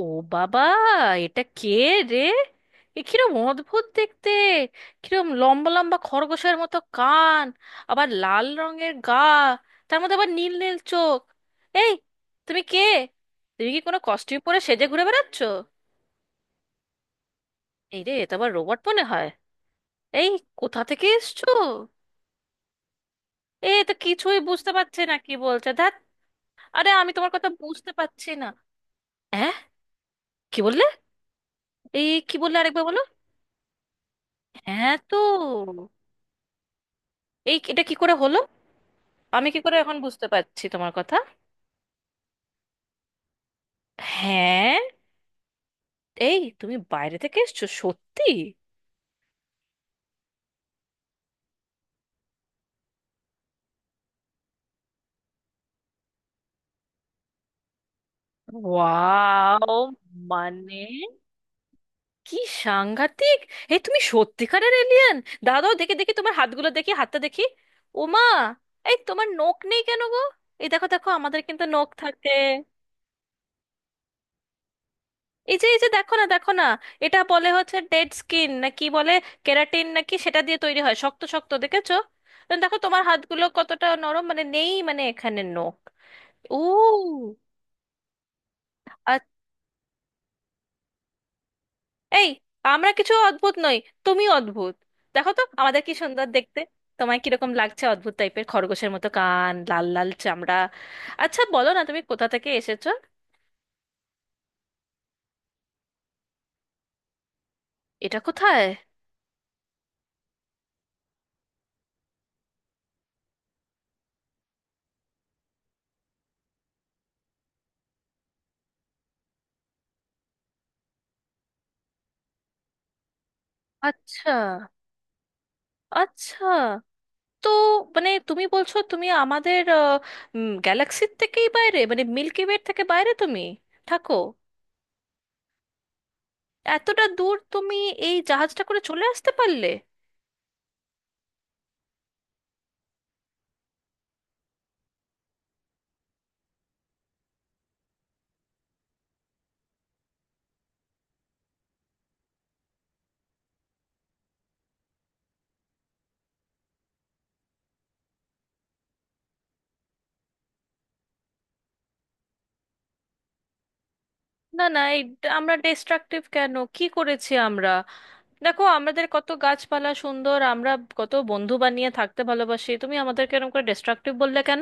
ও বাবা, এটা কে রে? এ কিরম অদ্ভুত দেখতে! কিরম লম্বা লম্বা খরগোশের মতো কান, আবার লাল রঙের গা, তার মধ্যে আবার নীল নীল চোখ। এই, তুমি কে? তুমি কি কোনো কস্টিউম পরে সেজে ঘুরে বেড়াচ্ছ? এই রে, এটা আবার রোবট মনে হয়। এই, কোথা থেকে এসছো? এ তো কিছুই বুঝতে পারছে না কি বলছে, ধ্যাত। আরে আমি তোমার কথা বুঝতে পারছি না। হ্যাঁ, কি বললে? এই কি বললে, আরেকবার বলো। হ্যাঁ, তো এই এটা কি করে হলো? আমি কি করে এখন বুঝতে পারছি তোমার কথা? হ্যাঁ, এই তুমি বাইরে থেকে এসছো সত্যি? ওয়াও! মানে কি, সাংঘাতিক! এই তুমি সত্যিকারের এলিয়েন? দাঁড়াও, দেখি দেখি তোমার হাতগুলো দেখি, হাতটা দেখি। ওমা, এই তোমার নখ নেই কেন গো? এই দেখো দেখো আমাদের কিন্তু নখ থাকে। এই যে দেখো না। এটা বলে হচ্ছে ডেড স্কিন, না কি বলে, কেরাটিন নাকি সেটা দিয়ে তৈরি হয়, শক্ত শক্ত, দেখেছো? দেখো তোমার হাতগুলো কতটা নরম, মানে নেই, মানে এখানে নখ। ও। আ- এই, আমরা কিছু অদ্ভুত নই, তুমি অদ্ভুত। দেখো তো আমাদের কি সুন্দর দেখতে। তোমায় কিরকম লাগছে, অদ্ভুত টাইপের, খরগোশের মতো কান, লাল লাল চামড়া। আচ্ছা বলো না, তুমি কোথা থেকে এসেছো? এটা কোথায়? আচ্ছা আচ্ছা, তো মানে তুমি বলছো তুমি আমাদের গ্যালাক্সির থেকেই বাইরে, মানে মিল্কি ওয়ের থেকে বাইরে তুমি থাকো? এতটা দূর তুমি এই জাহাজটা করে চলে আসতে পারলে? না না, আমরা ডিস্ট্রাকটিভ কেন, কি করেছি আমরা? দেখো আমাদের কত গাছপালা সুন্দর, আমরা কত বন্ধু বানিয়ে থাকতে ভালোবাসি, তুমি আমাদেরকে এরকম করে ডিস্ট্রাকটিভ বললে কেন?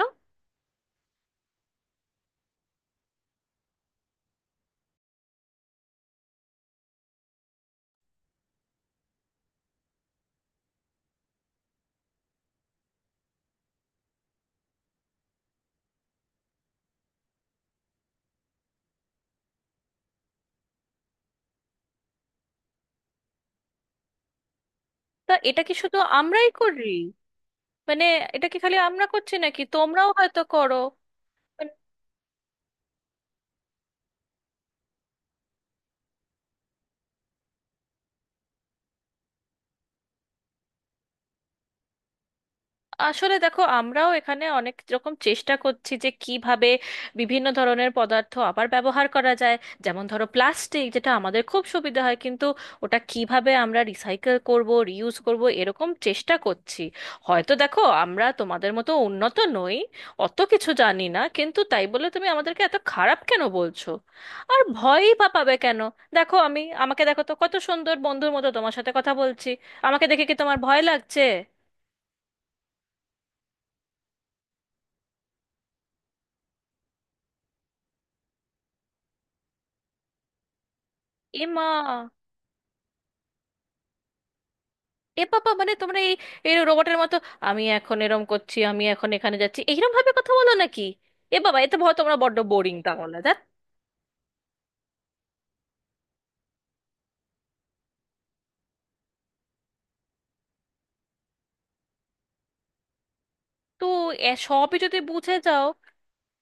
তা এটা কি শুধু আমরাই করি? মানে এটা কি খালি আমরা করছি নাকি তোমরাও হয়তো করো? আসলে দেখো, আমরাও এখানে অনেক রকম চেষ্টা করছি যে কিভাবে বিভিন্ন ধরনের পদার্থ আবার ব্যবহার করা যায়। যেমন ধরো প্লাস্টিক, যেটা আমাদের খুব সুবিধা হয় কিন্তু ওটা কিভাবে আমরা রিসাইকেল করব, রিউজ করব, এরকম চেষ্টা করছি। হয়তো দেখো আমরা তোমাদের মতো উন্নত নই, অত কিছু জানি না, কিন্তু তাই বলে তুমি আমাদেরকে এত খারাপ কেন বলছো? আর ভয়ই বা পাবে কেন? দেখো, আমি আমাকে দেখো তো, কত সুন্দর বন্ধুর মতো তোমার সাথে কথা বলছি। আমাকে দেখে কি তোমার ভয় লাগছে? এমা! এ বাবা, মানে তোমরা এই, এই রোবটের মতো আমি এখন এরম করছি, আমি এখন এখানে যাচ্ছি, এইরকম ভাবে কথা বলো নাকি? এ বাবা, এতে ভয়! তোমরা বড্ড বোরিং তাহলে দেখ। তো এ সবই যদি বুঝে যাও,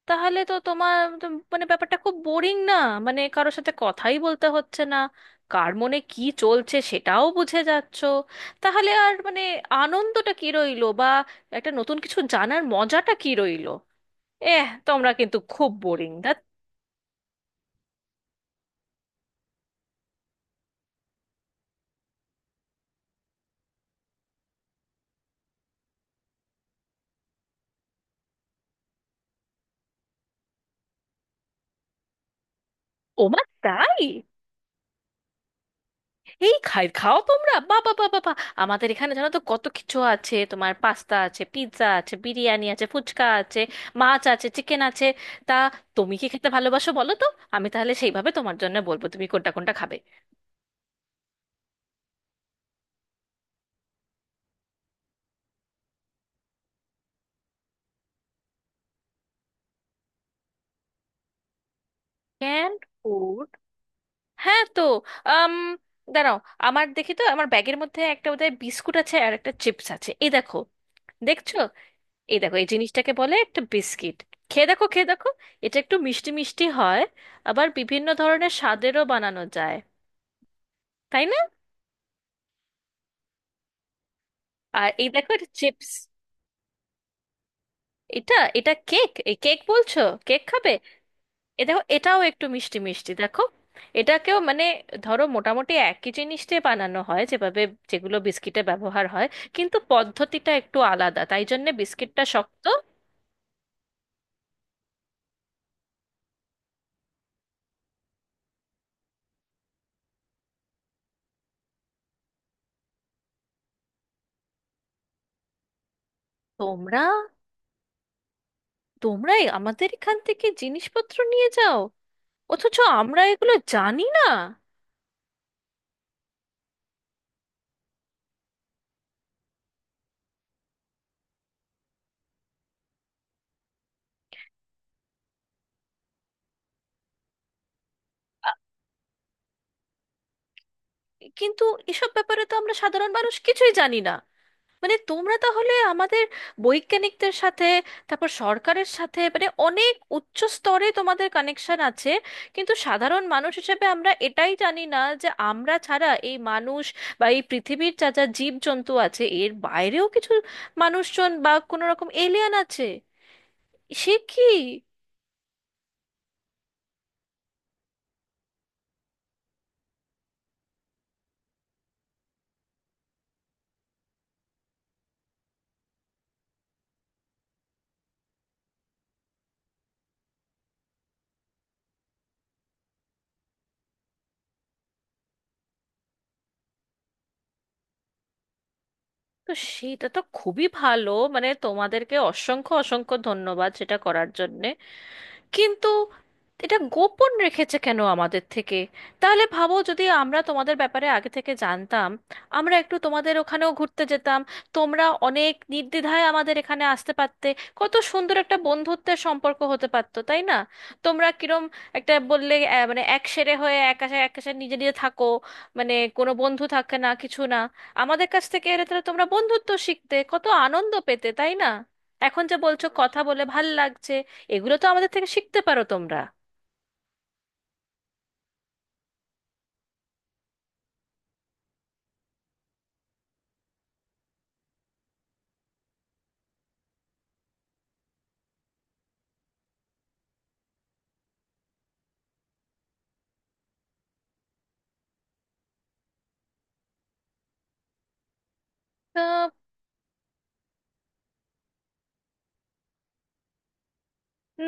তাহলে তো তোমার তো, মানে ব্যাপারটা খুব বোরিং না? মানে কারোর সাথে কথাই বলতে হচ্ছে না, কার মনে কি চলছে সেটাও বুঝে যাচ্ছো, তাহলে আর মানে আনন্দটা কি রইলো বা একটা নতুন কিছু জানার মজাটা কি রইলো? এহ, তোমরা কিন্তু খুব বোরিং দা। ওমা তাই? এই, খাই খাও তোমরা? বাবা বাবা বা বা বা, আমাদের এখানে জানো তো কত কিছু আছে, তোমার পাস্তা আছে, পিৎজা আছে, বিরিয়ানি আছে, ফুচকা আছে, মাছ আছে, চিকেন আছে। তা তুমি কি খেতে ভালোবাসো বলো তো, আমি তাহলে সেইভাবে তোমার জন্য বলবো তুমি কোনটা কোনটা খাবে। Can food? হ্যাঁ, তো আম, দাঁড়াও, আমার দেখি তো, আমার ব্যাগের মধ্যে একটা বোধহয় বিস্কুট আছে আর একটা চিপস আছে, এই দেখো, দেখছো? এই দেখো, এই জিনিসটাকে বলে একটা বিস্কিট। খেয়ে দেখো, খেয়ে দেখো, এটা একটু মিষ্টি মিষ্টি হয়। আবার বিভিন্ন ধরনের স্বাদেরও বানানো যায়। তাই না? আর এই দেখো, এটা চিপস। এটা এটা কেক, এই কেক বলছো? কেক খাবে? এ দেখো, এটাও একটু মিষ্টি মিষ্টি দেখো। এটাকেও মানে ধরো মোটামুটি একই জিনিস দিয়ে বানানো হয় যেভাবে, যেগুলো বিস্কিটে ব্যবহার হয়, কিন্তু পদ্ধতিটা একটু আলাদা, তাই জন্য বিস্কিটটা শক্ত। তোমরা তোমরাই আমাদের এখান থেকে জিনিসপত্র নিয়ে যাও, অথচ আমরা এগুলো জানি না? কিন্তু এসব ব্যাপারে তো আমরা সাধারণ মানুষ কিছুই জানি না। মানে তোমরা তাহলে আমাদের বৈজ্ঞানিকদের সাথে, তারপর সরকারের সাথে, মানে অনেক উচ্চ স্তরে তোমাদের কানেকশন আছে, কিন্তু সাধারণ মানুষ হিসেবে আমরা এটাই জানি না যে আমরা ছাড়া এই মানুষ বা এই পৃথিবীর যা যা জীবজন্তু আছে এর বাইরেও কিছু মানুষজন বা কোনো রকম এলিয়ান আছে। সে কি! তো সেটা তো খুবই ভালো, মানে তোমাদেরকে অসংখ্য অসংখ্য ধন্যবাদ সেটা করার জন্য, কিন্তু এটা গোপন রেখেছে কেন আমাদের থেকে? তাহলে ভাবো, যদি আমরা তোমাদের ব্যাপারে আগে থেকে জানতাম, আমরা একটু তোমাদের ওখানেও ঘুরতে যেতাম, তোমরা অনেক নির্দ্বিধায় আমাদের এখানে আসতে পারতে, কত সুন্দর একটা বন্ধুত্বের সম্পর্ক হতে পারতো, তাই না? তোমরা কিরম একটা বললে, মানে এক সেরে হয়ে, এক আশে নিজে নিজে থাকো, মানে কোনো বন্ধু থাকে না কিছু না। আমাদের কাছ থেকে এলে তাহলে তোমরা বন্ধুত্ব শিখতে, কত আনন্দ পেতে তাই না? এখন যে বলছো কথা বলে ভাল লাগছে, এগুলো তো আমাদের থেকে শিখতে পারো তোমরা। আহ,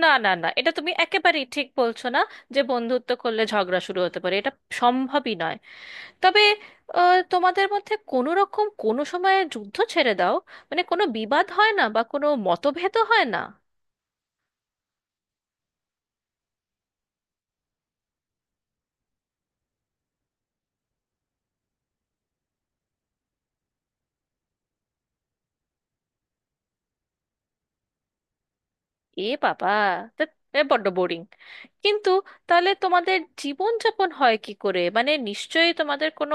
না না না, এটা তুমি একেবারেই ঠিক বলছো না, যে বন্ধুত্ব করলে ঝগড়া শুরু হতে পারে, এটা সম্ভবই নয়। তবে তোমাদের মধ্যে কোনো রকম কোনো সময়ে যুদ্ধ ছেড়ে দাও, মানে কোনো বিবাদ হয় না বা কোনো মতভেদ হয় না? এ বাবা! তা এ বড্ড বোরিং। কিন্তু তাহলে তোমাদের জীবনযাপন হয় কি করে? মানে নিশ্চয়ই তোমাদের কোনো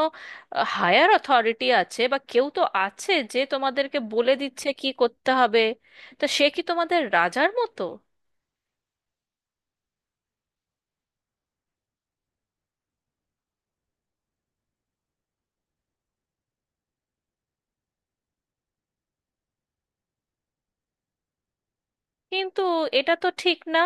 হায়ার অথরিটি আছে বা কেউ তো আছে যে তোমাদেরকে বলে দিচ্ছে কি করতে হবে। তা সে কি তোমাদের রাজার মতো? কিন্তু এটা তো ঠিক না।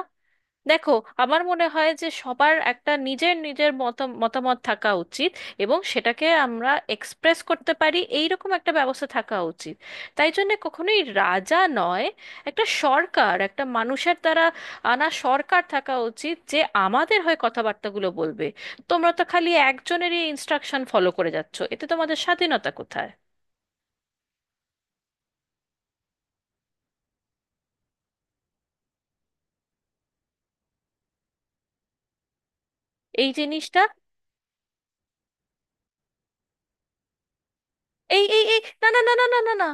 দেখো, আমার মনে হয় যে সবার একটা নিজের নিজের মত মতামত থাকা উচিত, এবং সেটাকে আমরা এক্সপ্রেস করতে পারি এইরকম একটা ব্যবস্থা থাকা উচিত। তাই জন্য কখনোই রাজা নয়, একটা সরকার, একটা মানুষের দ্বারা আনা সরকার থাকা উচিত যে আমাদের হয়ে কথাবার্তাগুলো বলবে। তোমরা তো খালি একজনেরই ইনস্ট্রাকশন ফলো করে যাচ্ছো, এতে তোমাদের স্বাধীনতা কোথায়? এই জিনিসটা, এই এই এই, না না না না না না না!